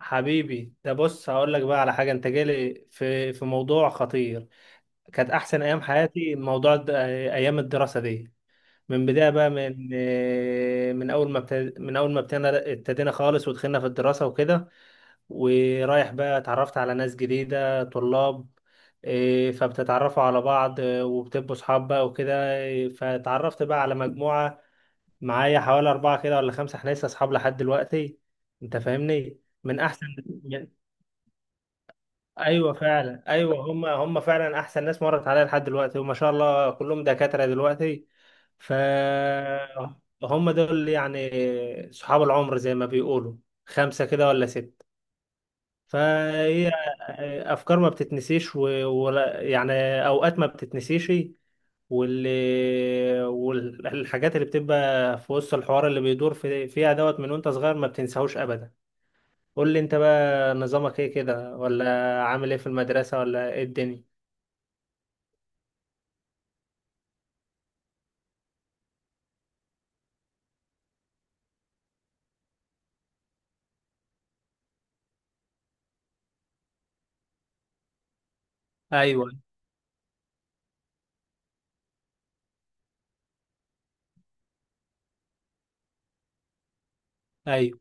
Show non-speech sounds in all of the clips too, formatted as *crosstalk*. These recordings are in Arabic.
حبيبي ده بص، هقول لك بقى على حاجه. انت جالي في موضوع خطير. كانت احسن ايام حياتي، موضوع ايام الدراسه دي. من بدايه بقى، من اول ما ابتدينا خالص ودخلنا في الدراسه وكده. ورايح بقى اتعرفت على ناس جديده، طلاب. إيه، فبتتعرفوا على بعض، إيه، وبتبقوا صحاب بقى وكده. إيه، فتعرفت بقى على مجموعه معايا، حوالي اربعه كده ولا خمسه. احنا لسه اصحاب لحد دلوقتي. انت فاهمني، من احسن... ايوه فعلا، ايوه، هم هم فعلا احسن ناس مرت عليا لحد دلوقتي، وما شاء الله كلهم دكاتره دلوقتي. ف هم دول يعني صحاب العمر، زي ما بيقولوا، خمسه كده ولا ست. فهي افكار ما بتتنسيش. ولا يعني اوقات ما بتتنسيش. واللي والحاجات اللي بتبقى في وسط الحوار اللي بيدور فيها دوت من وانت صغير، ما بتنساهوش ابدا. قول لي انت بقى، نظامك ايه كده؟ ولا عامل ايه في المدرسه؟ ولا ايه الدنيا؟ ايوه. ايوه.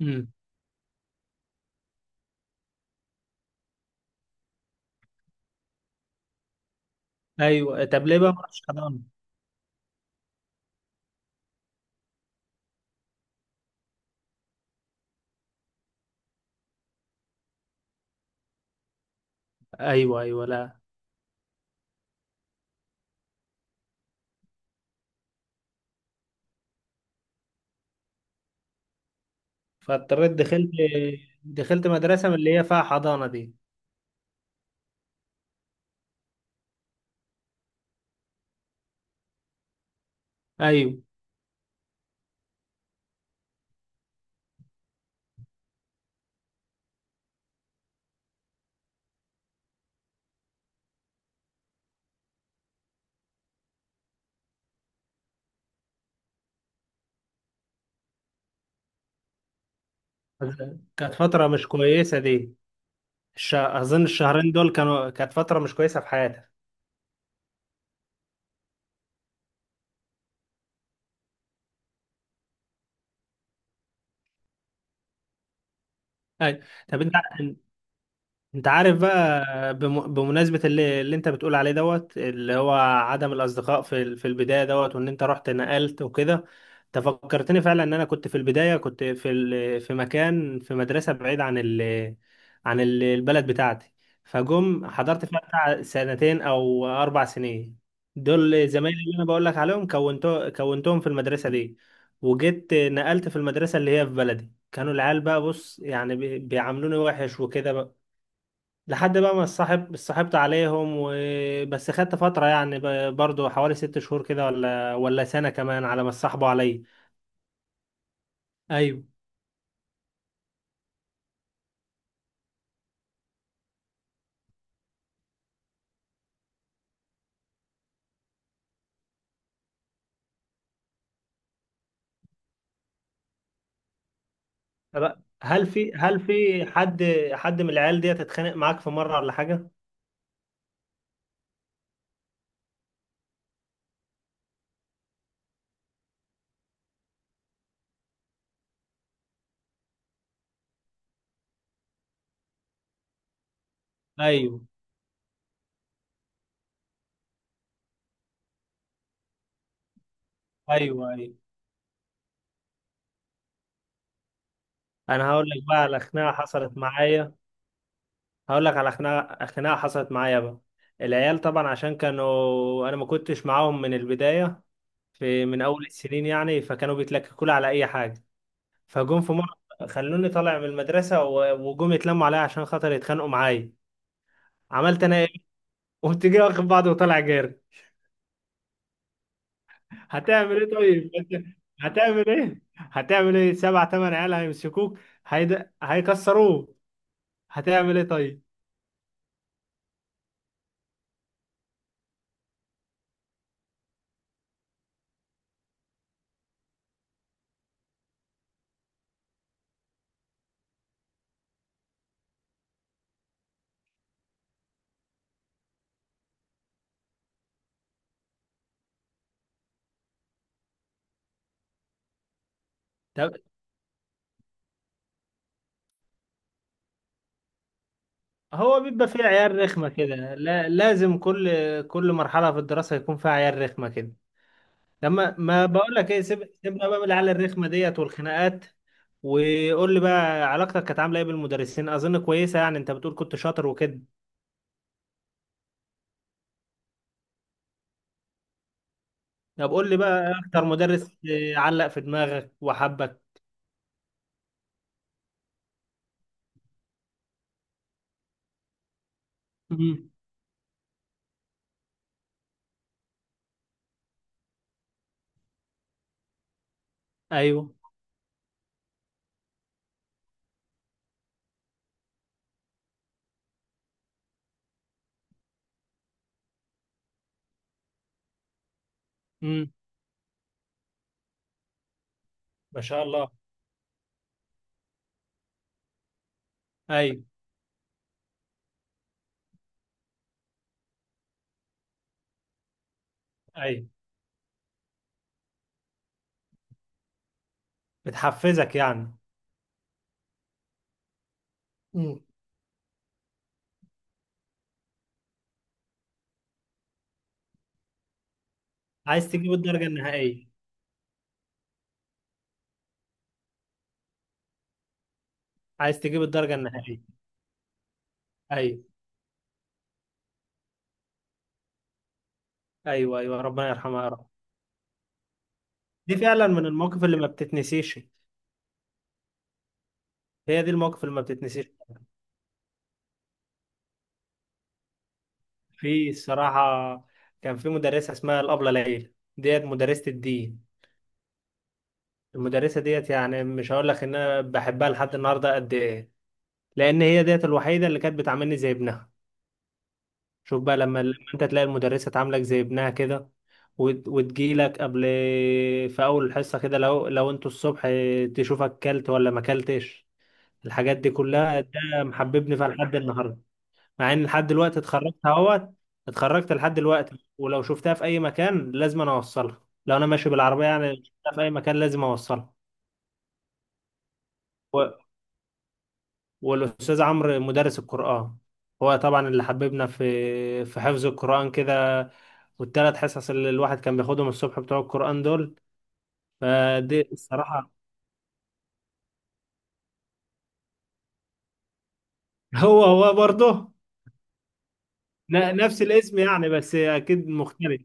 امم. ايوه، طب ليه بقى ما رحتش حضانه؟ ايوه، ايوه، لا. فاضطريت دخلت. دخلت مدرسه من اللي هي فيها حضانه دي. ايوه. كانت فتره مش كويسه دي. اظن الشهرين دول كانت فتره مش كويسه في حياتك. ايوه، طب انت. انت عارف بقى، بمناسبة اللي انت بتقول عليه دوت، اللي هو عدم الاصدقاء في البداية دوت، وان انت رحت نقلت وكده. انت فكرتني فعلا ان انا كنت في البداية، كنت في مكان، في مدرسة بعيد عن البلد بتاعتي. فجم حضرت فيها بتاع سنتين او 4 سنين. دول زمايلي اللي انا بقول لك عليهم، كونتهم في المدرسة دي. وجيت نقلت في المدرسة اللي هي في بلدي، كانوا العيال بقى، بص يعني، بيعاملوني وحش وكده. لحد بقى ما الصاحب اتصاحبت عليهم. وبس خدت فترة يعني، برضو حوالي 6 شهور كده، ولا سنة كمان على ما اتصاحبوا عليا. ايوه، طب هل في حد من العيال دي اتخانق معاك في مرة ولا حاجة؟ ايوه، ايوه، ايوه. انا هقول لك بقى على خناقة حصلت معايا. هقول لك على خناقة حصلت معايا بقى. العيال طبعا، عشان كانوا، انا ما كنتش معاهم من البداية، في من اول السنين يعني، فكانوا بيتلككوا لي على اي حاجة. فجم في مرة خلوني طالع من المدرسة، وجم يتلموا عليا عشان خاطر يتخانقوا معايا. عملت انا ايه؟ *laughs* قمت جاي واخد بعض وطالع جاري. هتعمل ايه طيب؟ *laughs* أنت هتعمل ايه؟ هتعمل ايه؟ سبع تمن عيال هيمسكوك. هيكسروك. هتعمل ايه طيب؟ طب هو بيبقى فيه عيال رخمة كده. لا... لازم كل مرحلة في الدراسة يكون فيها عيال رخمة كده. لما ما بقول لك ايه، سيبنا بقى من العيال الرخمه ديت والخناقات. وقول لي بقى، علاقتك كانت عامله ايه بالمدرسين؟ اظن كويسه يعني، انت بتقول كنت شاطر وكده. طب قول لي بقى، اكتر مدرس علق في دماغك وحبك. امم. ايوه. امم. ما شاء الله. ايوه. ايوه. بتحفزك يعني. امم. عايز تجيب الدرجه النهائيه. عايز تجيب الدرجه النهائيه. ايوه. ايوه، ايوه، ربنا يرحمها يا رب. دي فعلا من المواقف اللي ما بتتنسيش. هي دي المواقف اللي ما بتتنسيش. في الصراحة كان في مدرسة اسمها الأبلة ليلى، ديت مدرسة الدين. المدرسة ديت يعني، مش هقول لك إن أنا بحبها لحد النهاردة قد إيه. لأن هي ديت الوحيدة اللي كانت بتعاملني زي ابنها. شوف بقى، لما أنت تلاقي المدرسة تعاملك زي ابنها كده، وتجيلك قبل، في أول الحصة كده، لو أنتوا الصبح تشوفك كلت ولا ما كلتش. الحاجات دي كلها، ده محببني فيها لحد النهاردة. مع ان لحد دلوقتي اتخرجت اهوت، اتخرجت لحد دلوقتي، ولو شفتها في اي مكان لازم انا اوصلها. لو انا ماشي بالعربيه يعني، شفتها في اي مكان لازم اوصلها. و... والاستاذ عمرو مدرس القران، هو طبعا اللي حببنا في حفظ القران كده، والثلاث حصص اللي الواحد كان بياخدهم الصبح بتوع القران دول. فدي الصراحه. *laughs* هو هو برضه. نفس الاسم يعني، بس اكيد مختلف.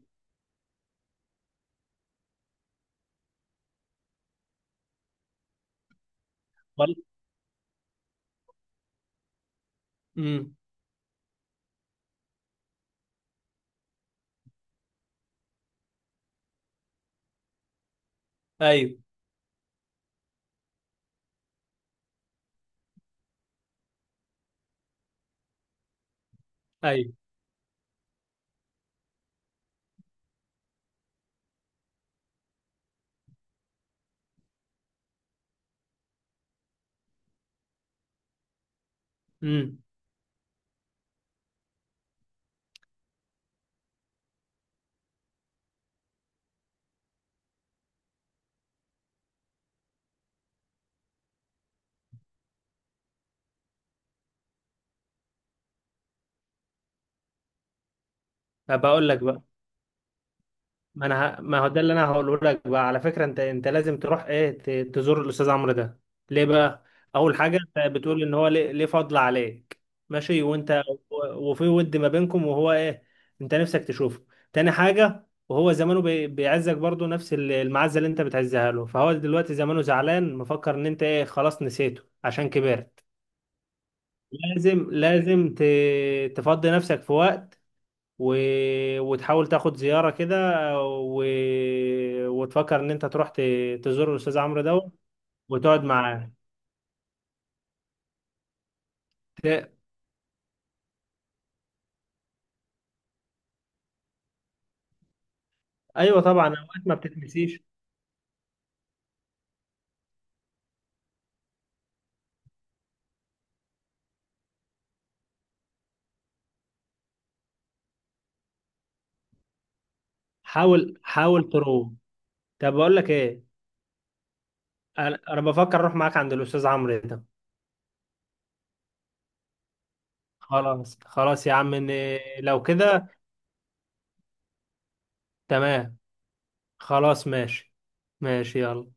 امم. ايوه. ايوه. امم. بقول لك بقى، ما هو ده اللي انا هقوله لك بقى على فكره. انت لازم تروح ايه، تزور الاستاذ عمرو ده. ليه بقى؟ اول حاجه، انت بتقول ان هو ليه فضل عليك. ماشي. وانت وفي ود ما بينكم، وهو ايه، انت نفسك تشوفه. تاني حاجه، وهو زمانه بيعزك برضه نفس المعزه اللي انت بتعزها له. فهو دلوقتي زمانه زعلان، مفكر ان انت ايه، خلاص نسيته عشان كبرت. لازم تفضي نفسك في وقت، و... وتحاول تاخد زيارة كده، و... وتفكر ان انت تروح تزور الاستاذ عمرو ده وتقعد معاه. ت... ايوه طبعا، اوقات ما بتتنسيش. حاول حاول تروح. طب بقول لك ايه، أنا بفكر اروح معاك عند الاستاذ عمرو ده. خلاص خلاص يا عم، لو كده. تمام. خلاص ماشي. ماشي يلا.